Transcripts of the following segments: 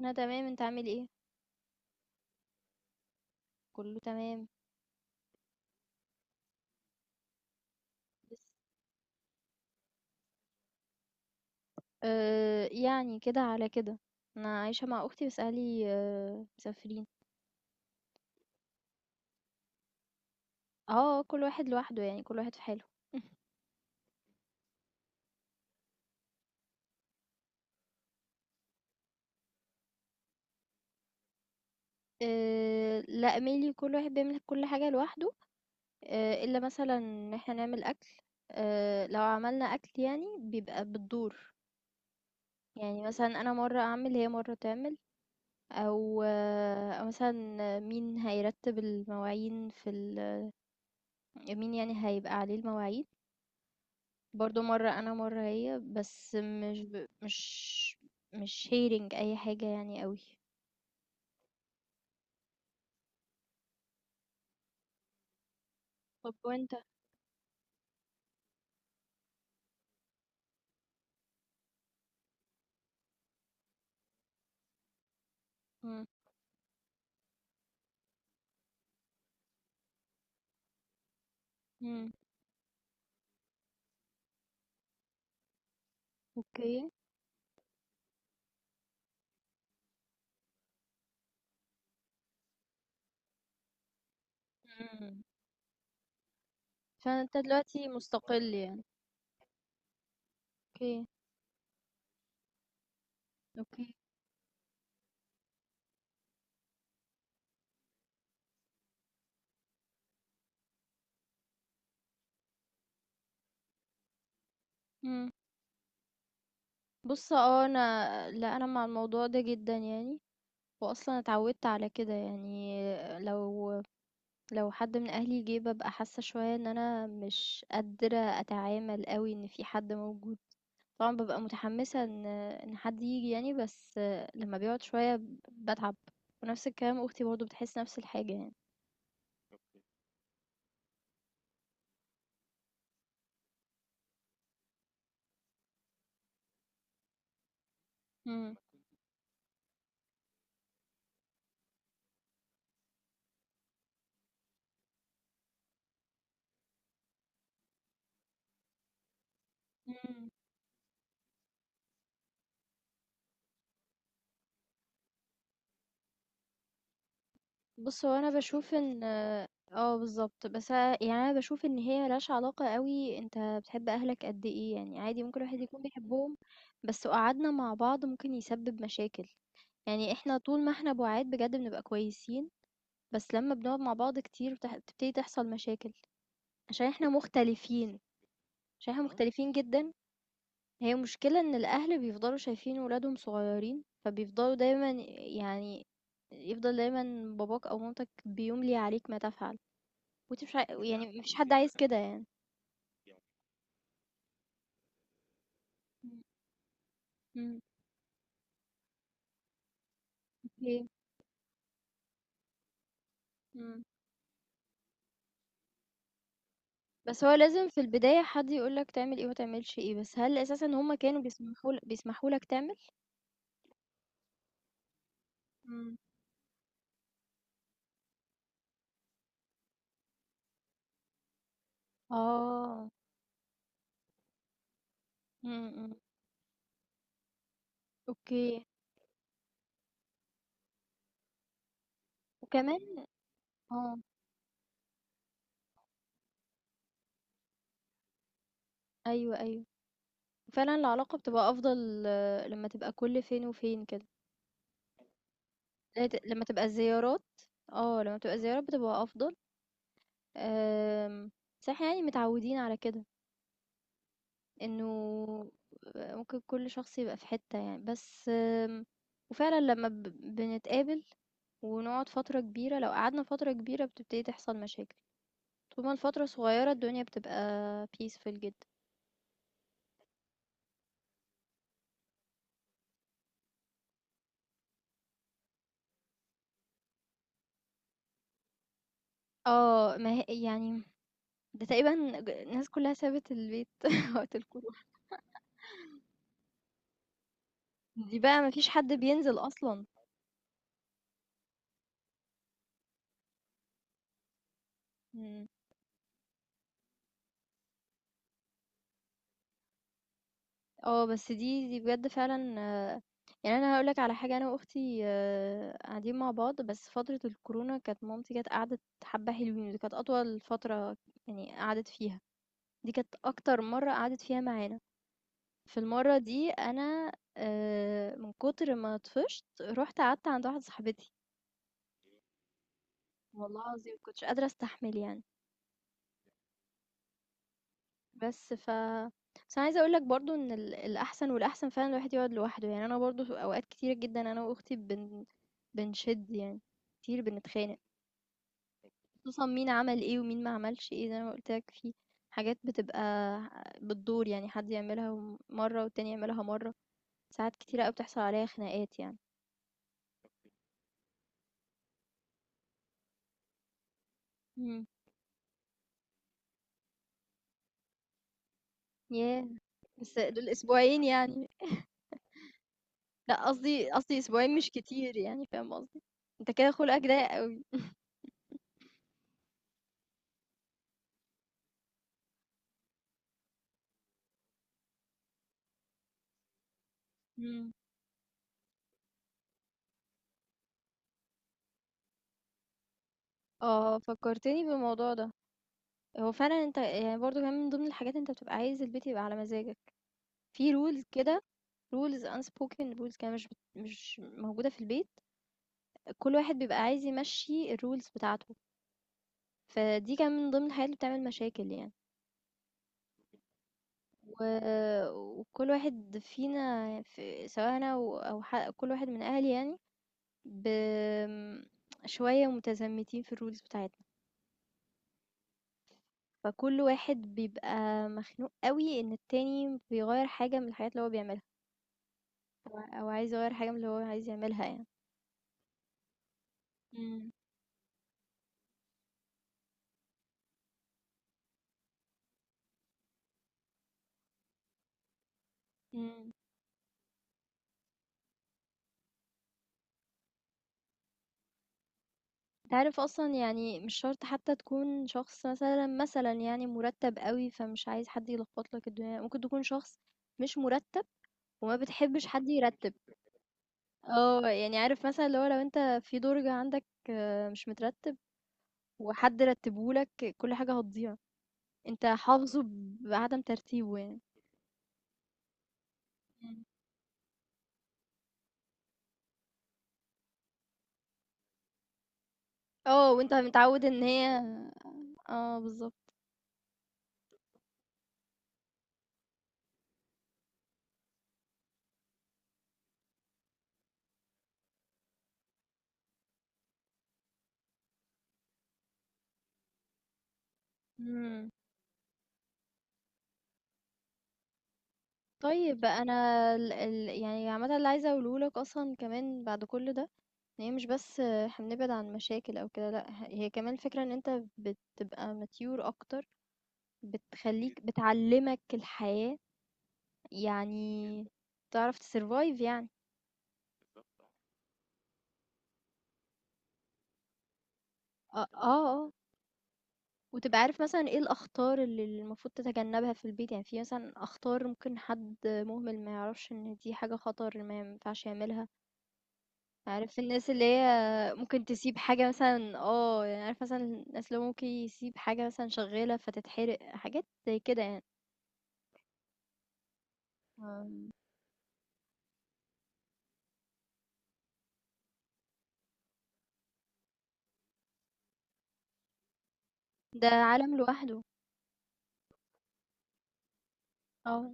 أنا تمام. أنت عامل إيه؟ كله تمام. بس يعني كده على كده. أنا عايشة مع أختي بس أهلي مسافرين. اه كل واحد لوحده، يعني كل واحد في حاله. لا ميلي، كل واحد بيعمل كل حاجة لوحده. إلا مثلا إن احنا نعمل أكل. لو عملنا أكل يعني بيبقى بالدور. يعني مثلا أنا مرة أعمل هي مرة تعمل، أو أو مثلا مين هيرتب المواعين في ال، مين يعني هيبقى عليه المواعين. برضو مرة انا مرة هي، بس مش هيرنج اي حاجة يعني قوي. طب وانت؟ مم. امم اوكي. مم. فانت دلوقتي مستقل يعني؟ اوكي. اوكي. مم. بص، اه، انا لا انا مع الموضوع ده جدا يعني، واصلا اتعودت على كده يعني. لو لو حد من اهلي جه ببقى حاسة شوية ان انا مش قادرة اتعامل قوي ان في حد موجود. طبعًا بابقى متحمسة إن حد ييجي يعني، بس لمّا بيقعد شوية باتعب، ونفس الكلام أختي برضه بتحس نفس الحاجة يعني. إمم. إمم. بُص، هو أنا باشوف إن بالضبط، بس أنا يعني أنا باشوف إن هي ما لهاش علاقة أوي. أنت بتحب أهلك قد إيه يعني، عادي ممكن الواحد يكون بيحبهم، بس لو قعدنا مع بعض ممكن يسبب مشاكل. يعني إحنا طول ما إحنا بُعاد بجد بنبقى كويسين، بس لمّا بنقعد مع بعض كتير بتبتدي تحصل مشاكل، عشان إحنا مختلفين، عشان إحنا مختلفين جدًا. هي المشكلة إن الأهل بيفضلوا شايفين ولادهم صغيرين فبيفضلوا دايما، يعني، يفضل دايما باباك أو مامتك بيملي عليك ما تفعل، وانت مش عاي... يعني مفيش حد عايز كده يعني. مم. مم. اوكي. مم. بس هو لازم في البداية حد يقولك تعمل ايه ومتعملش ايه، بس هل أساسا هما كانوا بيسمحوا لك تعمل؟ مم. اه. مم. مم. اوكي. وكمان، اه، ايوه، فعلا العلاقة بتبقى أفضل، آه، لما تبقى كل فين وفين كده. لا ت لمّا تبقى الزيارات، آه، لمّا بتبقى الزيارات بتبقى أفضل. آمم، بس إحنا يعني متعودين على كده، إنه، آه، ممكن كل شخص يبقى في حتة يعني، بس آمم، وفعلًا لمّا ب بنتقابل ونقعد فترة كبيرة، لو قعدنا فترة كبيرة بتبتدي تحصل مشاكل، طول ما الفترة صغيرة الدنيا بتبقى peaceful جدًا. آه، ما هي يعني ده تقريبًا الناس كلها سابت البيت وقت الكورونا، دي بقى ما فيش حد بينزل أصلًا. إمم. آه، بس دي بجد فعلًا، يعني أنا هاقول لك على حاجة، أنا وأختي، قاعدين مع بعض، بس فترة الكورونا كانت مامتي جات قعدت حبّة حلوين، دي كانت أطول فترة يعني قعدت فيها، دي كانت أكتر مرّة قعدت فيها معانا. في المرّة دي أنا، من كتر ما طفشت، رُحت قعدت عند واحدة صاحبتي، والله العظيم ما كنتش قادرة أستحمل يعني. بس ف بس أنا عايزة أقول لك برضه إن الأحسن والأحسن فعلًا الواحد يقعد لوحده، يعني أنا برضه في أوقات كتيرة جدًا أنا وأختي بنشِد يعني، كتير بنتخانق، خصوصًا مين عمل إيه ومين ما عملش إيه، زي ما قُلت لك في حاجات بتبقى بالدور، يعني حد يعملها مرّة والتاني يعملها مرّة، ساعات كتيرة أوي بتحصل عليّا خناقات يعني. إمم، ياه! بس دول أسبوعين يعني، لأ قصدي أسبوعين مش كتير يعني، فاهم قصدي؟ أنت كده خُلقك ضيّق أوي. إمم، آه، فكّرتني بالموضوع ده. هو فعلًا أنت يعني برضه كمان من ضمن الحاجات أنت بتبقى عايز البيت يبقى على مزاجك، في rules كده، unspoken rules كده مش موجودة في البيت، كل واحد بيبقى عايز يمشّي الrules بتاعته، فدي كمان من ضمن الحاجات اللي بتعمل مشاكل يعني. و وكل واحد فينا سواء أنا و أو ح كل واحد من أهلي يعني، آمم، شوية متزمتين في الrules بتاعتنا، فكل واحد بيبقى مخنوق أوي إن التاني بيغيّر حاجة من الحاجات اللي هو بيعملها. أو عايز يغيّر حاجة من اللي هو عايز يعملها يعني. إمم، إمم. أنت عارف أصلًا يعني مش شرط حتى تكون شخص مثلًا يعني مُرتّب أوي، فمش عايز حد يلخبط لك الدنيا، ممكن تكون شخص مش مُرتّب وما بتحبش حد يرتّب. آه، يعني عارف مثلًا اللي هو لو أنت في درج عندك، آه، مش مترتّب وحد رتّبه لك، كل حاجة هتضيع، أنت حافظه بعدم ترتيبه يعني. إمم. آه، وأنت متعوّد إن هي، آه بالضبط. إمم. طيب أنا ال ال يعني عامةً اللي عايزة أقوله لك أصلًا كمان بعد كل ده، إن هي مش بس إحنا بنبعد عن مشاكل أو كده، لأ، هي كمان الفكرة إن أنت بتبقى mature أكتر. إمم. بتخلّيك بتعلّمك الحياة، جدًا. يعني تعرف تsurvive يعني. آه، إمم. آه، آه، وتبقى عارف مثلًا إيه الأخطار اللي المفروض تتجنبها في البيت، يعني في مثلًا أخطار ممكن حد مهمل ما يعرفش إن دي حاجة خطر، ما ينفعش يعملها. عارف الناس اللي هي ممكن تسيب حاجة مثلا، يعني عارف مثلا الناس اللي هو ممكن يسيب حاجة مثلا شغالة فتتحرق حاجات زي كده يعني. آه. ده عالم لوحده. اه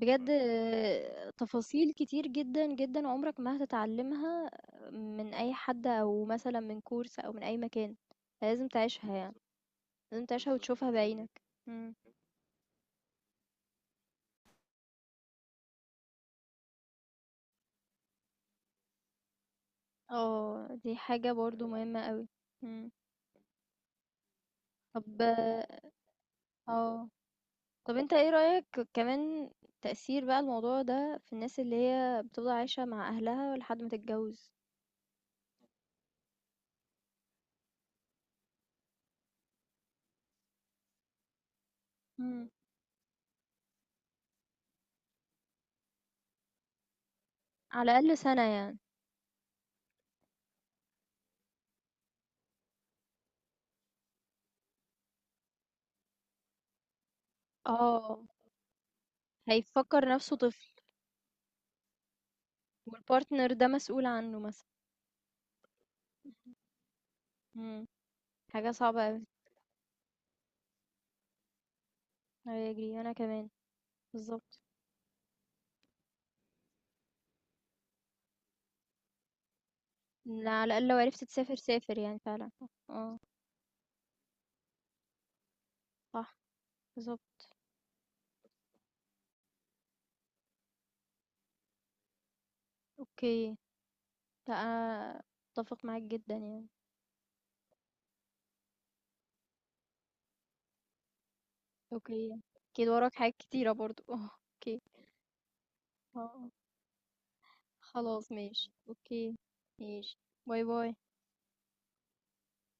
بجد. مم. تفاصيل كتير جدا جدا عمرك ما هتتعلمها من اي حد او مثلا من كورس او من اي مكان، لازم تعيشها يعني بالظبط. لازم تعيشها بالظبط وتشوفها كده بعينك. مم. اه دي حاجة برضو مهمة قوي. مم. طب اه طب انت ايه رأيك كمان، تأثير بقى الموضوع ده في الناس اللي هي بتفضل عايشة مع أهلها لحد ما تتجوز؟ مم. على الأقل سنة يعني. اه، هيفكر نفسه طفل، والبارتنر ده مسؤول عنه مثلا. مم. حاجة صعبة أوي. أيوة يجري أنا كمان. بالظبط. لا، على الأقل لو عرفت تسافر سافر يعني فعلا. اه. صح. بالظبط. اوكي. لا أنا أتفق معاك جدا يعني. اوكي. أكيد وراك حاجات كتيرة برضو اه. اوكي. اه. خلاص ماشي أوكي. ماشي. باي باي.